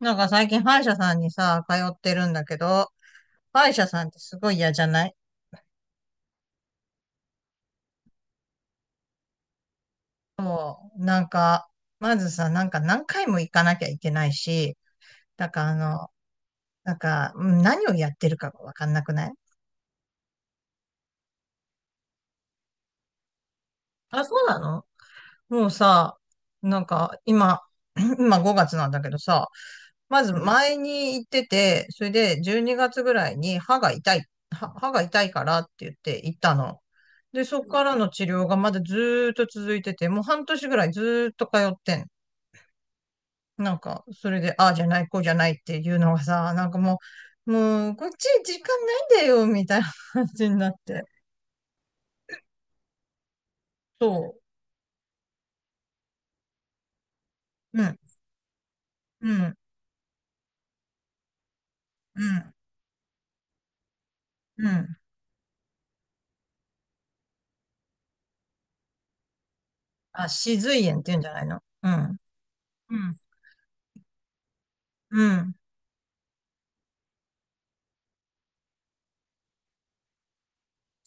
なんか最近歯医者さんにさ、通ってるんだけど、歯医者さんってすごい嫌じゃない？もう、なんか、まずさ、なんか何回も行かなきゃいけないし、なんかあの、なんか、うん、何をやってるかがわかんなくない？あ、そうなの？もうさ、なんか今、今5月なんだけどさ、まず前に行ってて、それで12月ぐらいに歯が痛い、歯が痛いからって言って行ったの。で、そこからの治療がまだずーっと続いてて、もう半年ぐらいずーっと通ってん。なんか、それで、ああじゃない、こうじゃないっていうのがさ、なんかもう、こっち時間ないんだよ、みたいな 感じになって。そう。うん、うん、うん、うん。あ、歯髄炎って言うんじゃないの？うん。うん。うん。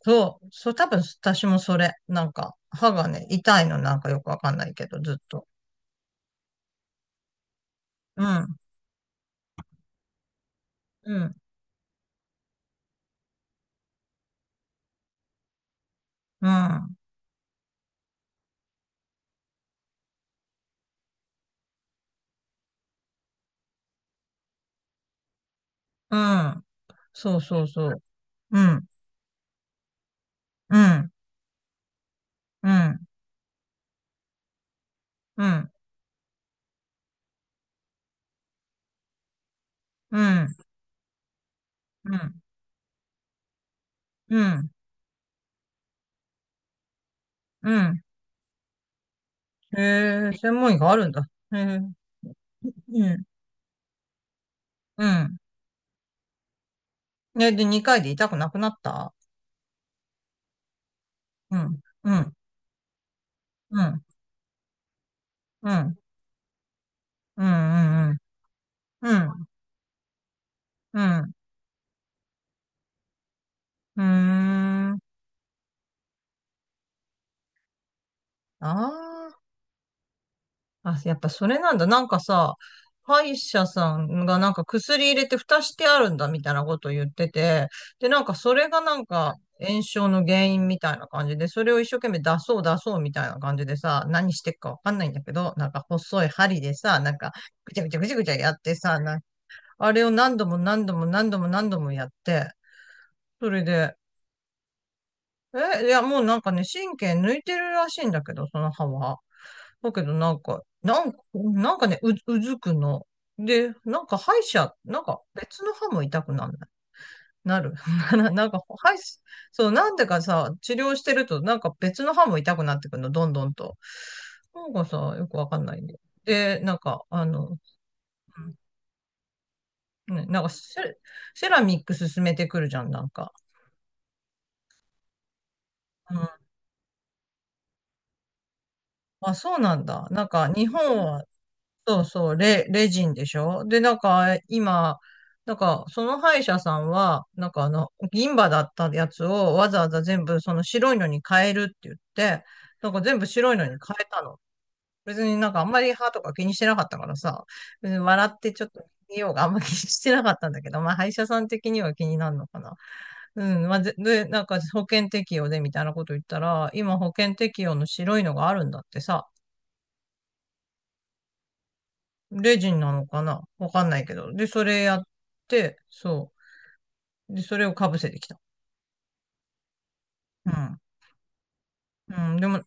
そう。そう、多分私もそれ。なんか、歯がね、痛いのなんかよくわかんないけど、ずっと。うん。うん。うん。うん。そうそうそう。うん。うん。うん。うん。うん。うん。うん。うん。へえ、専門医があるんだ。へえ。うん。うん。ね、で、2回で痛くなくなった？うん。うん。うん。うん。うん。うん。うん。うん。うん。うーん。ああ。あ、やっぱそれなんだ。なんかさ、歯医者さんがなんか薬入れて蓋してあるんだみたいなこと言ってて、で、なんかそれがなんか炎症の原因みたいな感じで、それを一生懸命出そう出そうみたいな感じでさ、何してっかわかんないんだけど、なんか細い針でさ、なんかぐちゃぐちゃぐちゃぐちゃやってさ、なあれを何度も何度も何度も何度もやって、それで、え、いやもうなんかね、神経抜いてるらしいんだけど、その歯は。だけどなんか、なんか、なんかね、うずくの。で、なんか歯医者、なんか別の歯も痛くなんない？なる。なんか歯医者、そう、なんでかさ、治療してるとなんか別の歯も痛くなってくるの、どんどんと。なんかさ、よくわかんないんで。で、なんか、あの、うん、ね、なんかセラミック進めてくるじゃん、なんか。うん。あ、そうなんだ。なんか、日本はそうそう、レジンでしょ？で、なんか、今、なんか、その歯医者さんは、なんかあの、銀歯だったやつをわざわざ全部その白いのに変えるって言って、なんか全部白いのに変えたの。別になんかあんまり歯とか気にしてなかったからさ、別に笑ってちょっと見ようがあんま気にしてなかったんだけど、まあ歯医者さん的には気になるのかな。うん、まあ、ぜで、なんか保険適用でみたいなこと言ったら、今保険適用の白いのがあるんだってさ、レジンなのかなわかんないけど。で、それやって、そう。で、それをかぶせてきた。うん。うん、でも、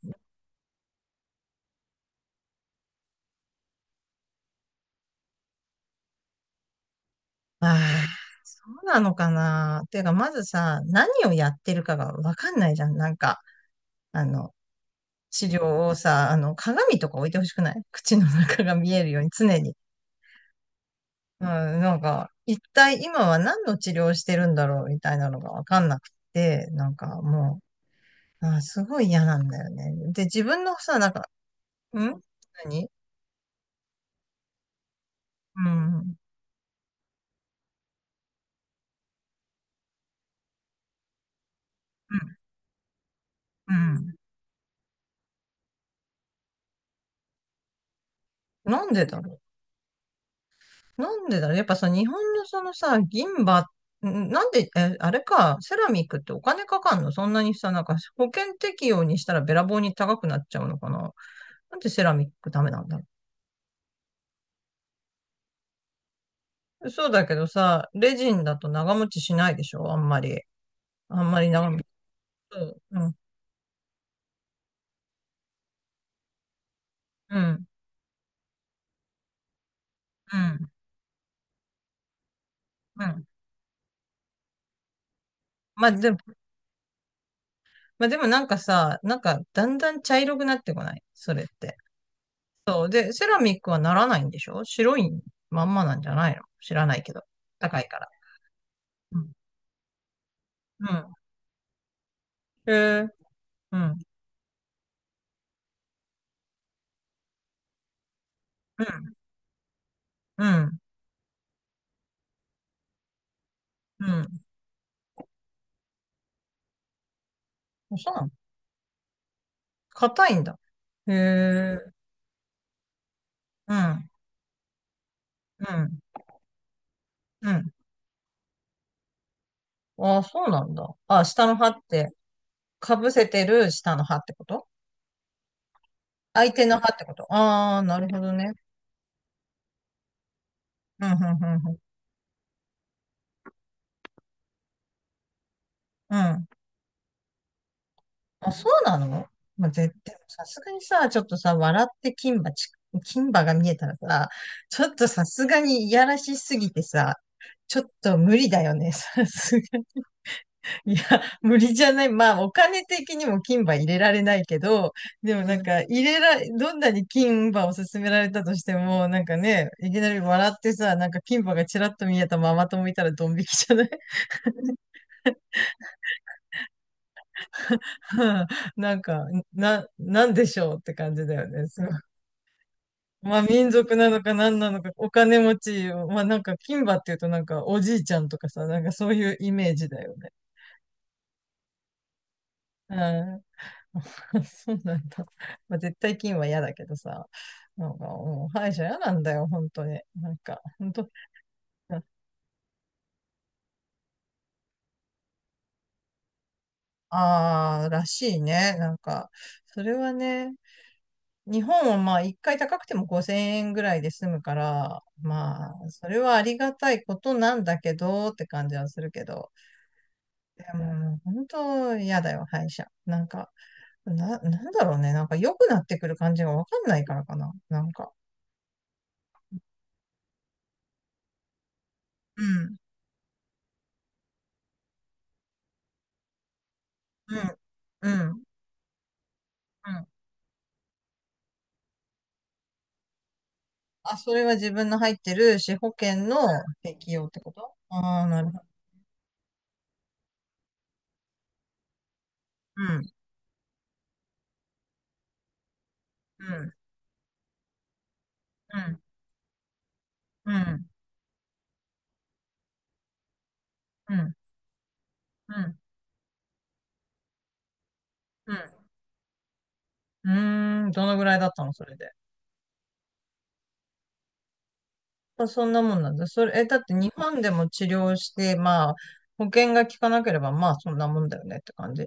あー、そうなのかな？ていうか、まずさ、何をやってるかがわかんないじゃん。なんか、あの、治療をさ、あの、鏡とか置いてほしくない？口の中が見えるように常に。うん、なんか、一体今は何の治療してるんだろうみたいなのがわかんなくて、なんかもう、あー、すごい嫌なんだよね。で、自分のさ、なんか、ん、何？うん。うん。うん、なんでだろう。やっぱさ、日本のそのさ、銀歯、ん、なんで、え、あれか、セラミックってお金かかんの？そんなにさ、なんか保険適用にしたらべらぼうに高くなっちゃうのかな？なんでセラミックダメなんだろう。そうだけどさ、レジンだと長持ちしないでしょ、あんまり。あんまり長持ち。そう、うん。うん。うん。うん。まあでも、まあでもなんかさ、なんかだんだん茶色くなってこない？それって。そう。で、セラミックはならないんでしょ？白いまんまなんじゃないの？知らないけど。高いから。うん。うん。へえ。うん。うん。うん。うん。あ、そうなの？硬いんだ。へえ。うん。うん。うん。ああ、そうなんだ。あ、下の歯って、かぶせてる下の歯ってこと？相手の歯ってこと？ああー、なるほどね。うん、うん、うん、うん。うん、あ、そうなの？まあ、絶対、さすがにさ、ちょっとさ、笑って金馬が見えたらさ、ちょっとさすがにいやらしすぎてさ、ちょっと無理だよね、さすがに。いや、無理じゃない？まあ、お金的にも金馬入れられないけど、でもなんか、入れら、どんなに金馬を勧められたとしても、なんかね、いきなり笑ってさ、なんか金馬がちらっと見えたままともいたらドン引きじゃない？ なんか、なんでしょうって感じだよね。まあ民族なのか何なのか、お金持ち、まあなんか金馬っていうとなんかおじいちゃんとかさ、なんかそういうイメージだよね。うん。そうなんだ。まあ絶対金は嫌だけどさ、なんかもう歯医者嫌なんだよ、本当に。なんか、本当、ああ、らしいね。なんか、それはね、日本はまあ一回高くても5000円ぐらいで済むから、まあ、それはありがたいことなんだけどって感じはするけど、でも、本当嫌だよ、歯医者。なんか、なんだろうね。なんか良くなってくる感じがわかんないからかな。なんか。うん、うん、うん、うん。あ、それは自分の入ってる歯保険の適用ってこと？ああー、なるほど。うん、うん、うん、うん、うん、うん、うん。うーん、どのぐらいだったの、それで。まあそんなもんなんだ。それ、え、だって日本でも治療して、まあ、保険が効かなければ、まあ、そんなもんだよねって感じ。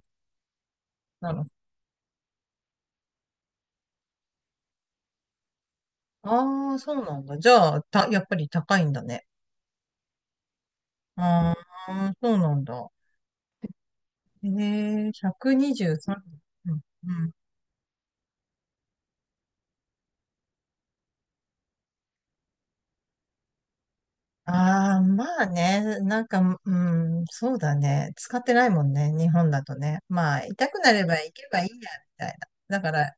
なの？ああ、そうなんだ。じゃあ、やっぱり高いんだね。ああ、そうなんだ。ええ、123。うん、うん。ああ、まあね、なんか、うん、そうだね。使ってないもんね、日本だとね。まあ、痛くなれば行けばいいや、みたいな。だから、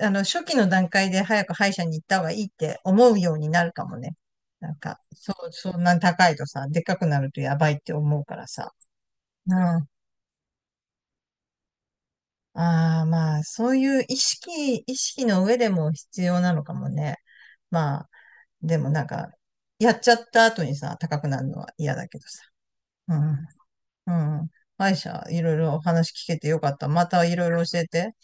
あの、初期の段階で早く歯医者に行った方がいいって思うようになるかもね。なんか、そう、そんな高いとさ、でっかくなるとやばいって思うからさ。うん。ああ、まあ、そういう意識の上でも必要なのかもね。まあ、でもなんか、やっちゃった後にさ、高くなるのは嫌だけどさ。うん。うん。歯医者、いろいろお話聞けてよかった。またいろいろ教えて。